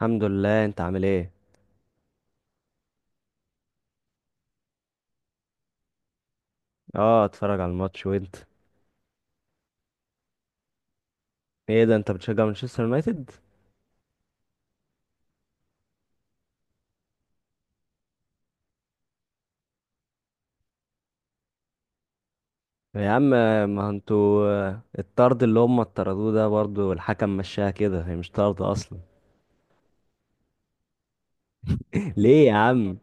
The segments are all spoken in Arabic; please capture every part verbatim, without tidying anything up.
الحمد لله. انت عامل ايه؟ اه، اتفرج على الماتش. وانت؟ ايه ده، انت بتشجع مانشستر يونايتد؟ يا عم، ما انتوا آه، الطرد اللي هم طردوه ده برضو الحكم مشاها كده، هي مش طرد اصلا. ليه يا عم؟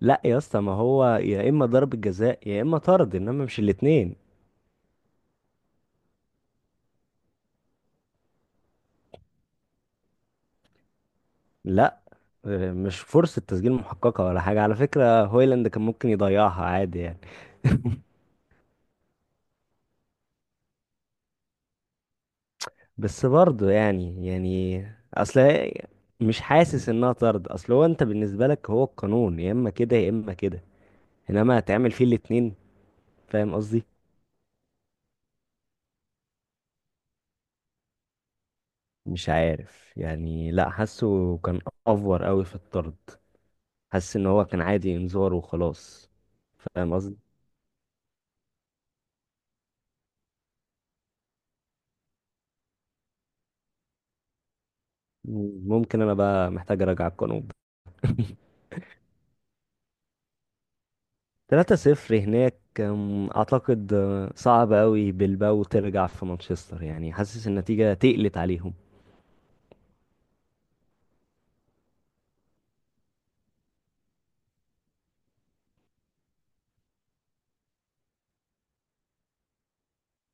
لا يا اسطى، ما هو يا اما ضربة جزاء يا اما طرد، انما مش الاتنين. لا، آه، مش فرصة تسجيل محققة ولا حاجة على فكرة، هويلاند كان ممكن يضيعها عادي يعني. بس برضه يعني يعني، اصل هي- مش حاسس انها طرد. اصل هو انت بالنسبه لك هو القانون يا اما كده يا اما كده، انما هتعمل فيه الاتنين. فاهم قصدي؟ مش عارف يعني، لا حاسه كان افور قوي في الطرد، حاسس ان هو كان عادي انذار وخلاص. فاهم قصدي؟ ممكن انا بقى محتاج اراجع القانون. ثلاثة صفر هناك أم، اعتقد أه، صعب قوي بلباو ترجع في مانشستر، يعني حاسس النتيجه تقلت عليهم.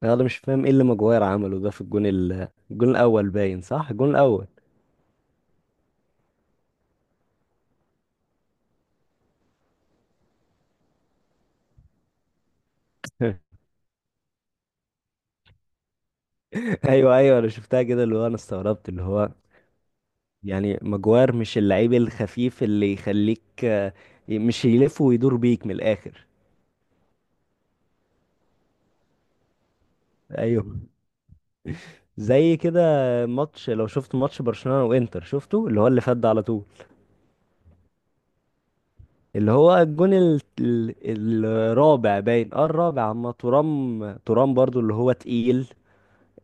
انا مش فاهم ايه اللي ماجواير عمله ده في الجون ال... الجون الاول، باين صح الجون الاول. ايوه ايوه، انا شفتها كده اللي هو، انا استغربت اللي هو يعني. ماجواير مش اللعيب الخفيف اللي يخليك، آه، مش يلف ويدور بيك من الاخر. ايوه، زي كده ماتش، لو شفت ماتش برشلونة وانتر شفته، اللي هو اللي فات ده على طول. اللي هو الجون ال... ال... الرابع، باين اه الرابع، اما ترام ترام برضو اللي هو تقيل.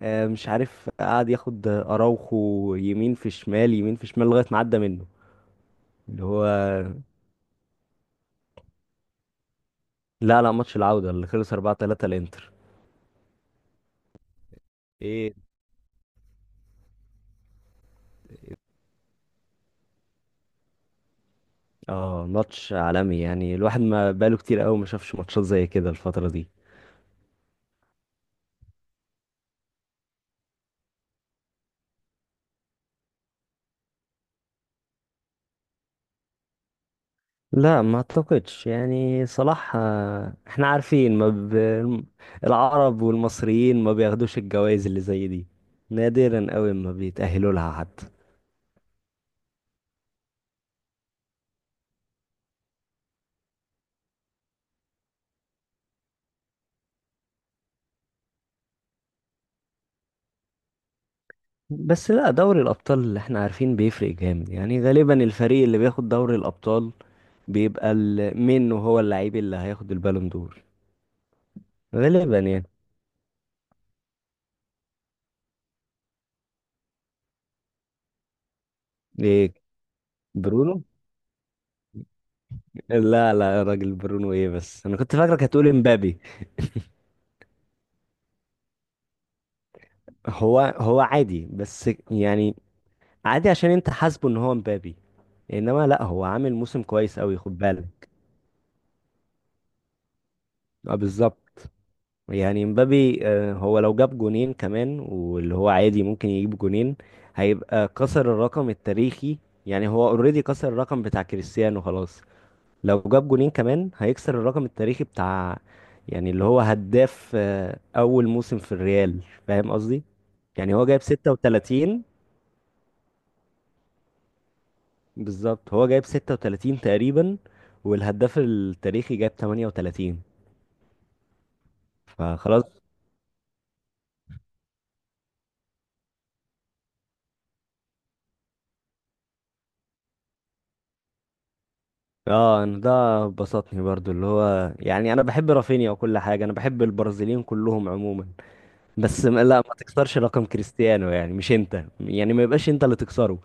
آه، مش عارف، قعد ياخد اراوخو يمين في شمال يمين في شمال لغايه ما عدى منه. اللي هو، لا لا ماتش العوده اللي خلص أربعة تلاتة الانتر. ايه؟ اه ماتش عالمي يعني، الواحد ما بقاله كتير قوي ما شافش ماتشات زي كده الفتره دي. لا ما اعتقدش يعني، صلاح، آه، احنا عارفين ما ب... العرب والمصريين ما بياخدوش الجوائز اللي زي دي، نادرا قوي ما بيتأهلوا لها حد. بس لا، دوري الأبطال اللي احنا عارفين بيفرق جامد يعني، غالبا الفريق اللي بياخد دوري الأبطال بيبقى ال- منه هو اللعيب اللي هياخد البالون دور. غالبا يعني. إيه؟ برونو؟ لا لا يا راجل، برونو ايه بس، انا كنت فاكرك هتقول امبابي. هو هو عادي بس يعني، عادي عشان انت حاسبه ان هو امبابي، انما لا هو عامل موسم كويس قوي، خد بالك. اه بالظبط. يعني مبابي، آه، هو لو جاب جونين كمان واللي هو عادي ممكن يجيب جونين، هيبقى كسر الرقم التاريخي. يعني هو اوريدي كسر الرقم بتاع كريستيانو خلاص. لو جاب جونين كمان هيكسر الرقم التاريخي بتاع، يعني اللي هو هداف آه، اول موسم في الريال. فاهم قصدي؟ يعني هو جايب ستة وتلاتين. بالظبط هو جايب ستة وتلاتين تقريبا، والهداف التاريخي جايب تمانية وتلاتين، فخلاص. اه انا ده بسطني برضو، اللي هو يعني انا بحب رافينيا وكل حاجه، انا بحب البرازيليين كلهم عموما. بس م- لا ما تكسرش رقم كريستيانو، يعني مش انت يعني، ما يبقاش انت اللي تكسره.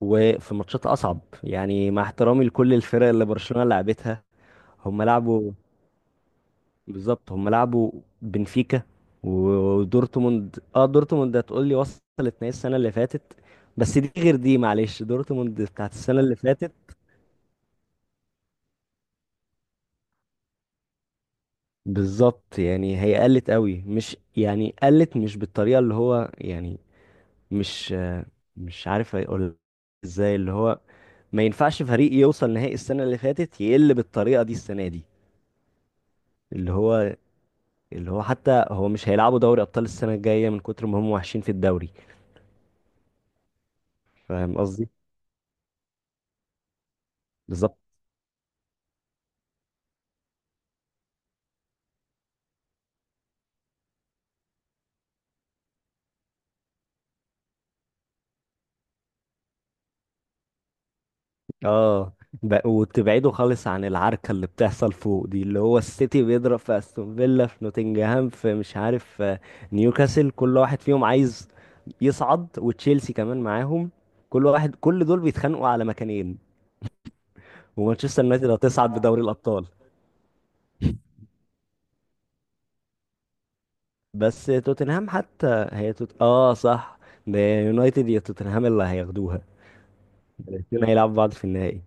وفي ماتشات اصعب يعني، مع احترامي لكل الفرق اللي برشلونه لعبتها. هم لعبوا، بالظبط هم لعبوا بنفيكا و- ودورتموند. اه دورتموند هتقول لي وصلت نهائي السنه اللي فاتت، بس دي غير دي، معلش، دورتموند بتاعت السنه اللي فاتت. بالظبط يعني هي قلت قوي، مش يعني قلت مش بالطريقة اللي هو يعني. مش مش عارف اقول ازاي اللي هو، ما ينفعش فريق يوصل نهائي السنة اللي فاتت يقل بالطريقة دي السنة دي. اللي هو، اللي هو حتى هو مش هيلعبوا دوري أبطال السنة الجاية من كتر ما هم وحشين في الدوري. فاهم قصدي؟ بالظبط. اه ب- وتبعده خالص عن العركة اللي بتحصل فوق دي، اللي هو السيتي بيضرب في استون فيلا، في نوتنجهام، في مش عارف، في نيوكاسل. كل واحد فيهم عايز يصعد وتشيلسي كمان معاهم، كل واحد كل دول بيتخانقوا على مكانين. ومانشستر يونايتد هتصعد بدوري الأبطال. بس توتنهام حتى هي توت... اه صح، ده يونايتد يا توتنهام اللي هياخدوها. الاتنين هيلعبوا بعض في النهائي.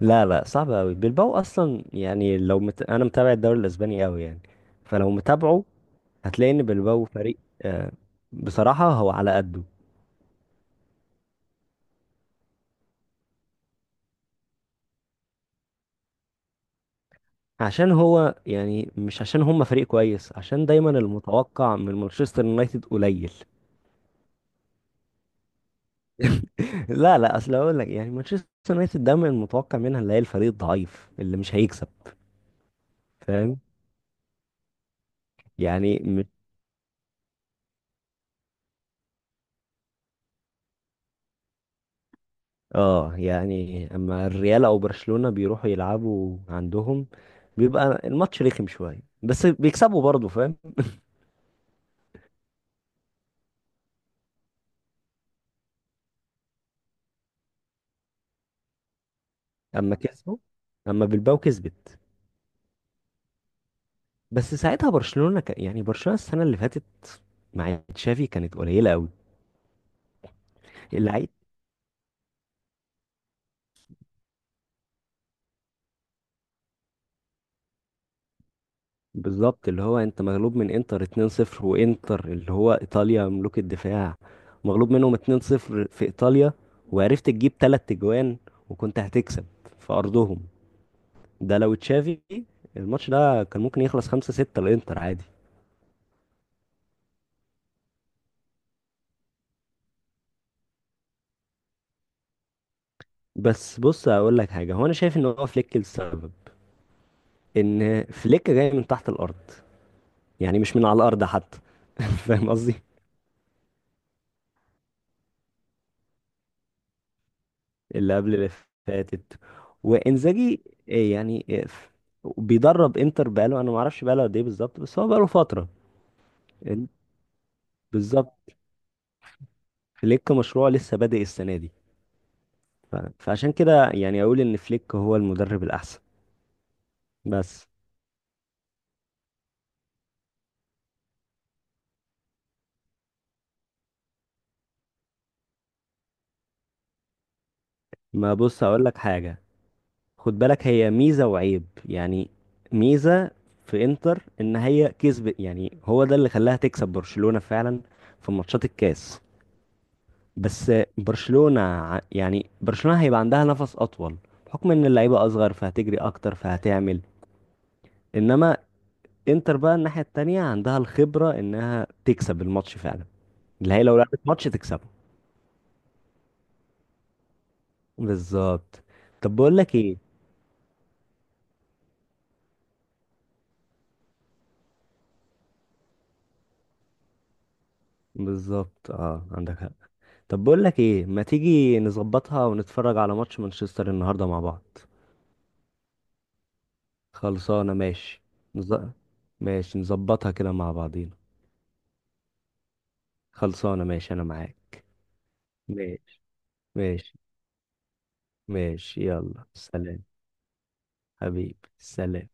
لا لا صعب قوي بلباو اصلا يعني، لو مت... انا متابع الدوري الاسباني قوي يعني. فلو متابعه، هتلاقي ان بلباو فريق، آه، بصراحة هو على قده. عشان هو يعني، مش عشان هم فريق كويس، عشان دايما المتوقع من مانشستر يونايتد قليل. لا لا، اصل اقول لك يعني مانشستر يونايتد دايما المتوقع منها اللي هي الفريق الضعيف اللي مش هيكسب. فاهم يعني؟ اه، يعني اما الريال او برشلونة بيروحوا يلعبوا عندهم، بيبقى الماتش رخم شوية بس بيكسبوا برضه. فاهم؟ اما كسبوا، اما بالباو كسبت. بس ساعتها برشلونة ك... يعني برشلونة السنة اللي فاتت مع تشافي كانت قليلة قوي. اللعيب. بالظبط اللي هو انت مغلوب من انتر اتنين صفر، وانتر اللي هو ايطاليا ملوك الدفاع، مغلوب منهم اتنين صفر في ايطاليا، وعرفت تجيب تلات تجوان وكنت هتكسب في ارضهم. ده لو تشافي، الماتش ده كان ممكن يخلص خمسة ستة للانتر عادي. بس بص اقول لك حاجه، هو انا شايف ان هو فليك السبب. ان فليك جاي من تحت الارض، يعني مش من على الارض حتى. فاهم قصدي؟ اللي قبل اللي فاتت. وانزاجي، إيه يعني إيه ف- بيدرب انتر بقاله، انا ما اعرفش بقاله قد ايه بالظبط، بس هو بقاله فتره. ال- بالظبط، فليك مشروع لسه بادئ السنه دي. ف- فعشان كده يعني اقول ان فليك هو المدرب الاحسن. بس ما بص اقول لك حاجه، خد بالك هي ميزة وعيب يعني. ميزة في انتر ان هي كسبت، يعني هو ده اللي خلاها تكسب برشلونة فعلا في ماتشات الكاس. بس برشلونة ع- يعني برشلونة هيبقى عندها نفس اطول، بحكم ان اللعيبة اصغر فهتجري اكتر فهتعمل. انما انتر بقى الناحية التانية عندها الخبرة انها تكسب الماتش فعلا، اللي هي لو لعبت ماتش تكسبه. بالظبط. طب بقول لك ايه؟ بالظبط. اه عندك حق. طب بقول لك ايه، ما تيجي نظبطها ونتفرج على ماتش مانشستر النهارده مع بعض. خلصانه ماشي. نز... ماشي نظبطها كده مع بعضينا. خلصانه ماشي، انا معاك. ماشي. ماشي ماشي، يلا سلام. حبيبي سلام.